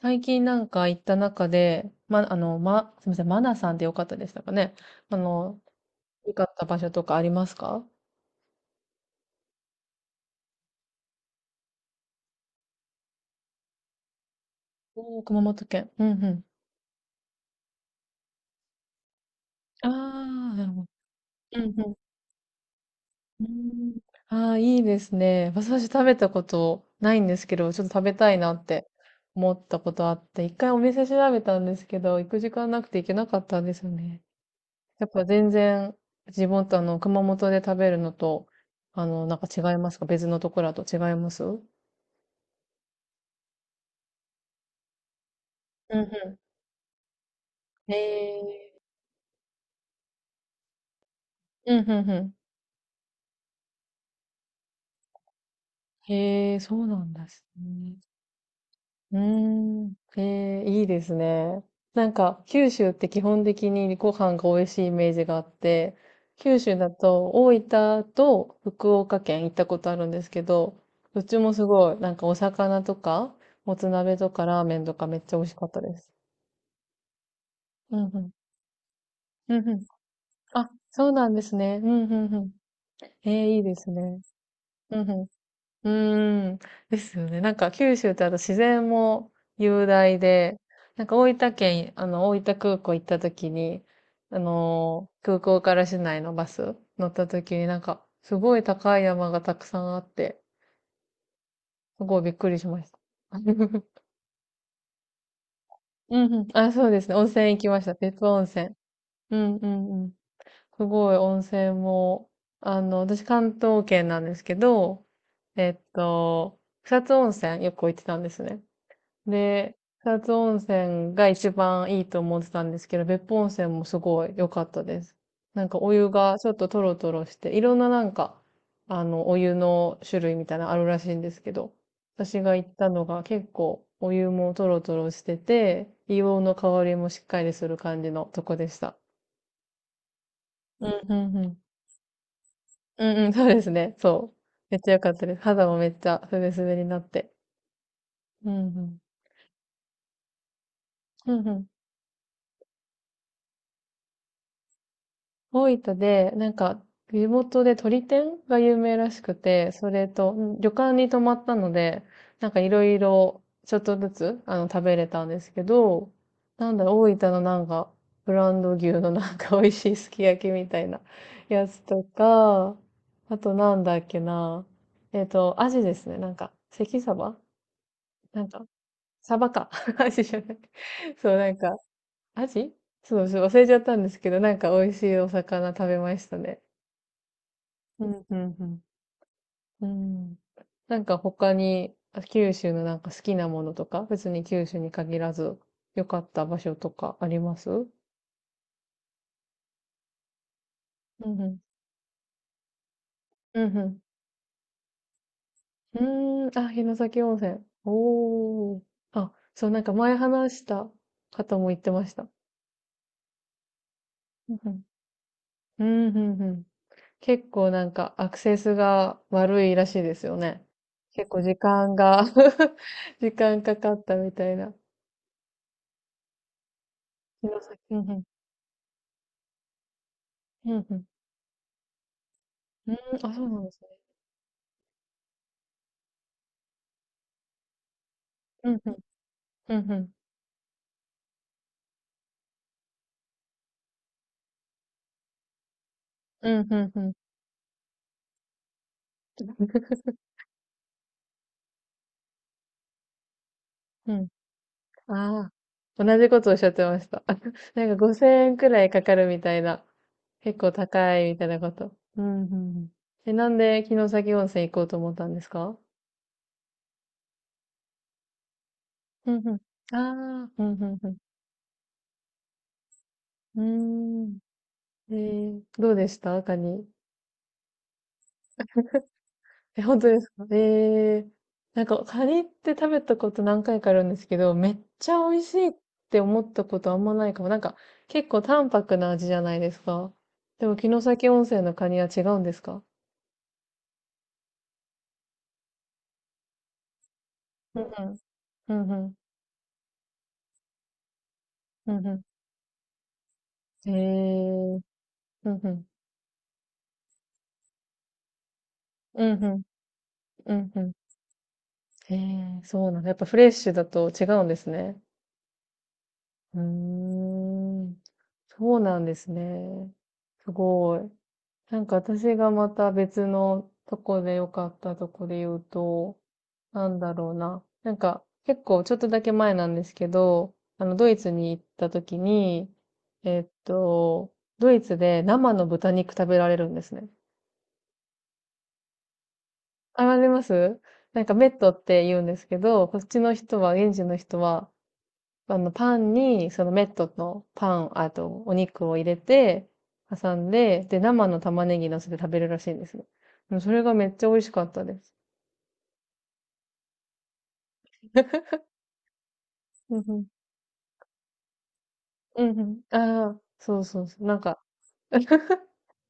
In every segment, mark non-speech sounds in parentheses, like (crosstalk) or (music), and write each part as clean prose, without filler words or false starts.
最近行った中で、ま、あの、ま、すみません、マナさんでよかったでしたかね。あの、良かった場所とかありますか？おー、熊本県。うんうん。ああ、なるほど。うんうん。うーん。ああー、いいですね。私食べたことないんですけど、ちょっと食べたいなって思ったことあって、一回お店調べたんですけど、行く時間なくて行けなかったんですよね。やっぱ全然自分と熊本で食べるのと、あの、なんか違いますか？別のところだと違いますうんうん。へえ。うん、うんうん。へえ、そうなんですね。うーん。へえ、いいですね。九州って基本的にご飯が美味しいイメージがあって、九州だと大分と福岡県行ったことあるんですけど、どっちもすごい、お魚とか、もつ鍋とかラーメンとかめっちゃ美味しかったです。うんうん。うんうん。あ、そうなんですね。うんうんうん。ええ、いいですね。うんうん。うーん、ですよね。九州ってあと自然も雄大で、大分県、大分空港行った時に、空港から市内のバス乗った時にすごい高い山がたくさんあって、すごいびっくりしました。(laughs) うんうん。あ、そうですね。温泉行きました。別府温泉。うんうんうん。すごい温泉も、私関東圏なんですけど、えっと、草津温泉よく行ってたんですね。で、草津温泉が一番いいと思ってたんですけど、別府温泉もすごい良かったです。なんかお湯がちょっとトロトロして、いろんななんか、あの、お湯の種類みたいなのあるらしいんですけど、私が行ったのが結構お湯もトロトロしてて、硫黄の香りもしっかりする感じのとこでした。うん、うん、うん。うん、うん、そうですね。そう。めっちゃ良かったです。肌もめっちゃすべすべになって。うん、うん。うん、うん。大分で、地元で鳥天が有名らしくて、それと、うん旅館に泊まったので、なんかいろいろ、ちょっとずつ、食べれたんですけど、なんだろう、大分の、ブランド牛の (laughs) なんか美味しいすき焼きみたいな (laughs) やつとか、あとなんだっけな、アジですね、なんか、関サバなんか、サバか。(laughs) アジじゃない。(laughs) そう、なんか、アジそうそう、忘れちゃったんですけど、なんか美味しいお魚食べましたね。うん、うん、うん。うんなんか他に、あ九州のなんか好きなものとか、別に九州に限らず、良かった場所とかありますうんうん。うんうん。うーん、あ、城崎温泉。おー。あ、そう、なんか前話した方も言ってました。うんうん。うんうんうん。結構なんかアクセスが悪いらしいですよね。結構時間が (laughs) 時間かかったみたいな。城崎。うんうん。うんうん。うん、あ、そうなんですね。うん、ふん、うんうんうんうん、うんん。(laughs) うん。ああ、同じことおっしゃってました。(laughs) なんか5000円くらいかかるみたいな。結構高いみたいなこと。うんうんうん。え、なんで城崎温泉行こうと思ったんですか？うんうん。ああ、うんうんうん。うーん。えー、どうでしたカニ。え、本当ですか？ええ、カニって食べたこと何回かあるんですけど、めっちゃ美味しいって思ったことあんまないかも。結構淡白な味じゃないですか。でも、城崎温泉のカニは違うんですか？うんうん。うんうん。うんうん。ええうんうん。うんうん。うんうん。ええそうなんだ。やっぱフレッシュだと違うんですね。うーん。そうなんですね。すごい。なんか私がまた別のとこで良かったとこで言うと、なんだろうな。なんか結構ちょっとだけ前なんですけど、ドイツに行った時に、えっと、ドイツで生の豚肉食べられるんですね。あ、ありますなんかメットって言うんですけど、こっちの人は、現地の人はパンに、そのメットのパン、あと、お肉を入れて、挟んで、で、生の玉ねぎ乗せて食べるらしいんですね。でそれがめっちゃ美味しかったです。うんうん。うんうん。ああ、そうそうそう。なんか、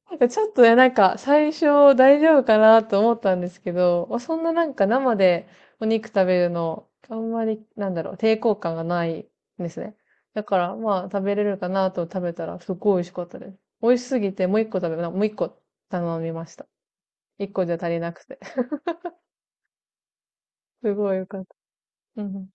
なんかちょっとね、最初大丈夫かなと思ったんですけど、まあそんな生でお肉食べるの、あんまり、なんだろう、抵抗感がないんですね。だから、まあ、食べれるかなと食べたら、すっごい美味しかったです。美味しすぎて、もう一個頼みました。一個じゃ足りなくて。(laughs) すごいよかった。うん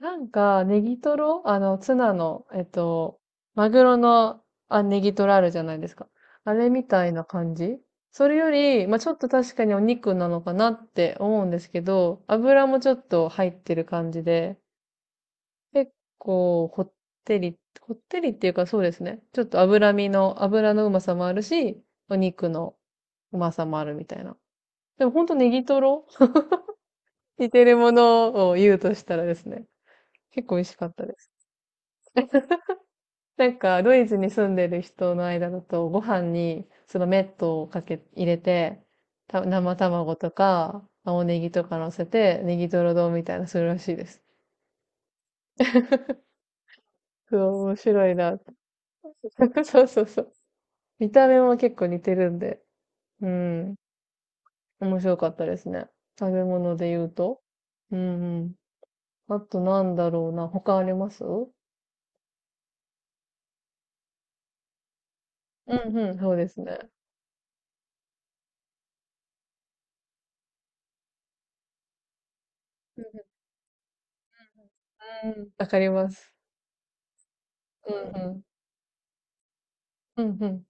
なんか、ネギトロあの、ツナの、えっと、マグロの、あ、ネギトロあるじゃないですか。あれみたいな感じ。それより、まあ、ちょっと確かにお肉なのかなって思うんですけど、油もちょっと入ってる感じで、結構、こってりっていうかそうですね。ちょっと脂身の、油のうまさもあるし、お肉のうまさもあるみたいな。でもほんとネギトロ似てるものを言うとしたらですね、結構美味しかったです。ドイツに住んでる人の間だと、ご飯にそのメットを入れて、た生卵とか、青ネギとか乗せて、ネギトロ丼みたいなするらしいです。(laughs) そう、面白いなって。(laughs) そうそうそう。見た目も結構似てるんで、うん、面白かったですね。食べ物で言うと。うんうん。あとなんだろうな、他ありますうんうん、そうですね。うん、わかります。うんうん。うん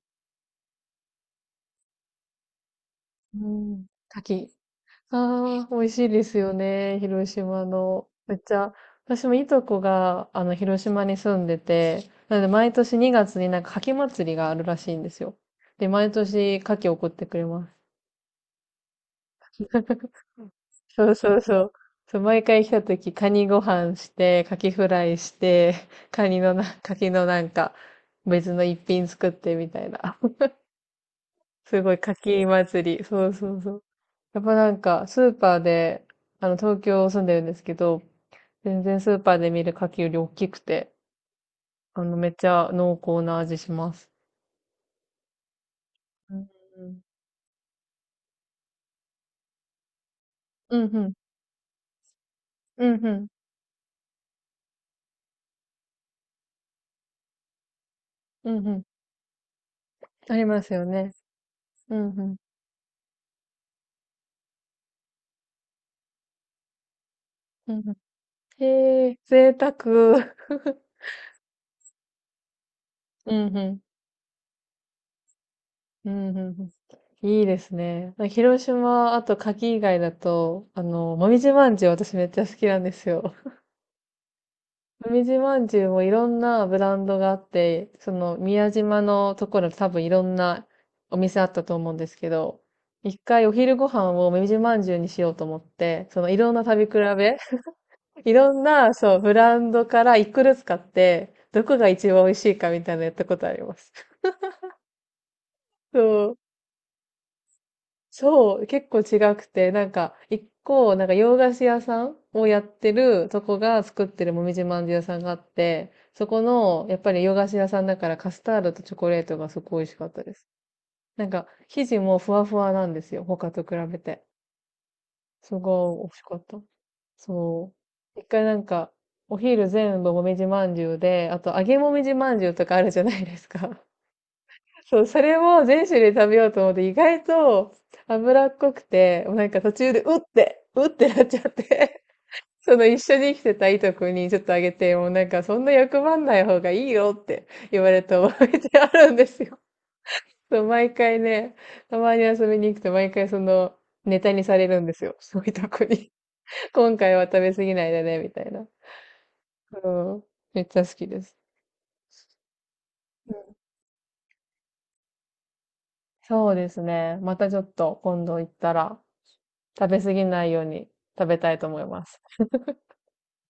うん。うん。牡蠣。ああ、美味しいですよね。広島の。めっちゃ、私もいとこが、広島に住んでて、なので毎年2月になんか牡蠣祭りがあるらしいんですよ。で、毎年牡蠣送ってくれます。(laughs) そうそうそう。そう、毎回来た時、カニご飯して、カキフライして、カキのなんか、別の一品作ってみたいな。すごい、かき祭り。そうそうそう。やっぱなんか、スーパーで、東京住んでるんですけど、全然スーパーで見る牡蠣より大きくて、めっちゃ濃厚な味します。うん、うん、うん、うん、うん、うんうん。ありますよね。うん、うん、うん。うんへえ、贅沢。うん、うん、うん、うん。うんいいですね。広島、あと牡蠣以外だと、もみじまんじゅう私めっちゃ好きなんですよ。もみじまんじゅうもいろんなブランドがあって、その宮島のところ多分いろんなお店あったと思うんですけど、一回お昼ご飯をもみじまんじゅうにしようと思って、そのいろんな食べ比べ、(laughs) いろんな、そう、ブランドから一個ずつ買って、どこが一番美味しいかみたいなのやったことあります。(laughs) そうそう、結構違くて、なんか、洋菓子屋さんをやってるとこが作ってるもみじまんじゅう屋さんがあって、そこの、やっぱり洋菓子屋さんだからカスタードとチョコレートがすごい美味しかったです。なんか、生地もふわふわなんですよ。他と比べて。すごい美味しかった。そう。一回なんか、お昼全部もみじまんじゅうで、あと揚げもみじまんじゅうとかあるじゃないですか。そう、それも全種類食べようと思って、意外と脂っこくて、もうなんか途中でうって、うってなっちゃって、(laughs) その一緒に生きてたいとこにちょっとあげて、もうなんかそんな欲張んない方がいいよって言われた覚えてあるんですよ。(laughs) そう、毎回ね、たまに遊びに行くと毎回そのネタにされるんですよ。そういうとこに。(laughs) 今回は食べ過ぎないでね、みたいな。うん。めっちゃ好きです。そうですね。またちょっと今度行ったら食べ過ぎないように食べたいと思います。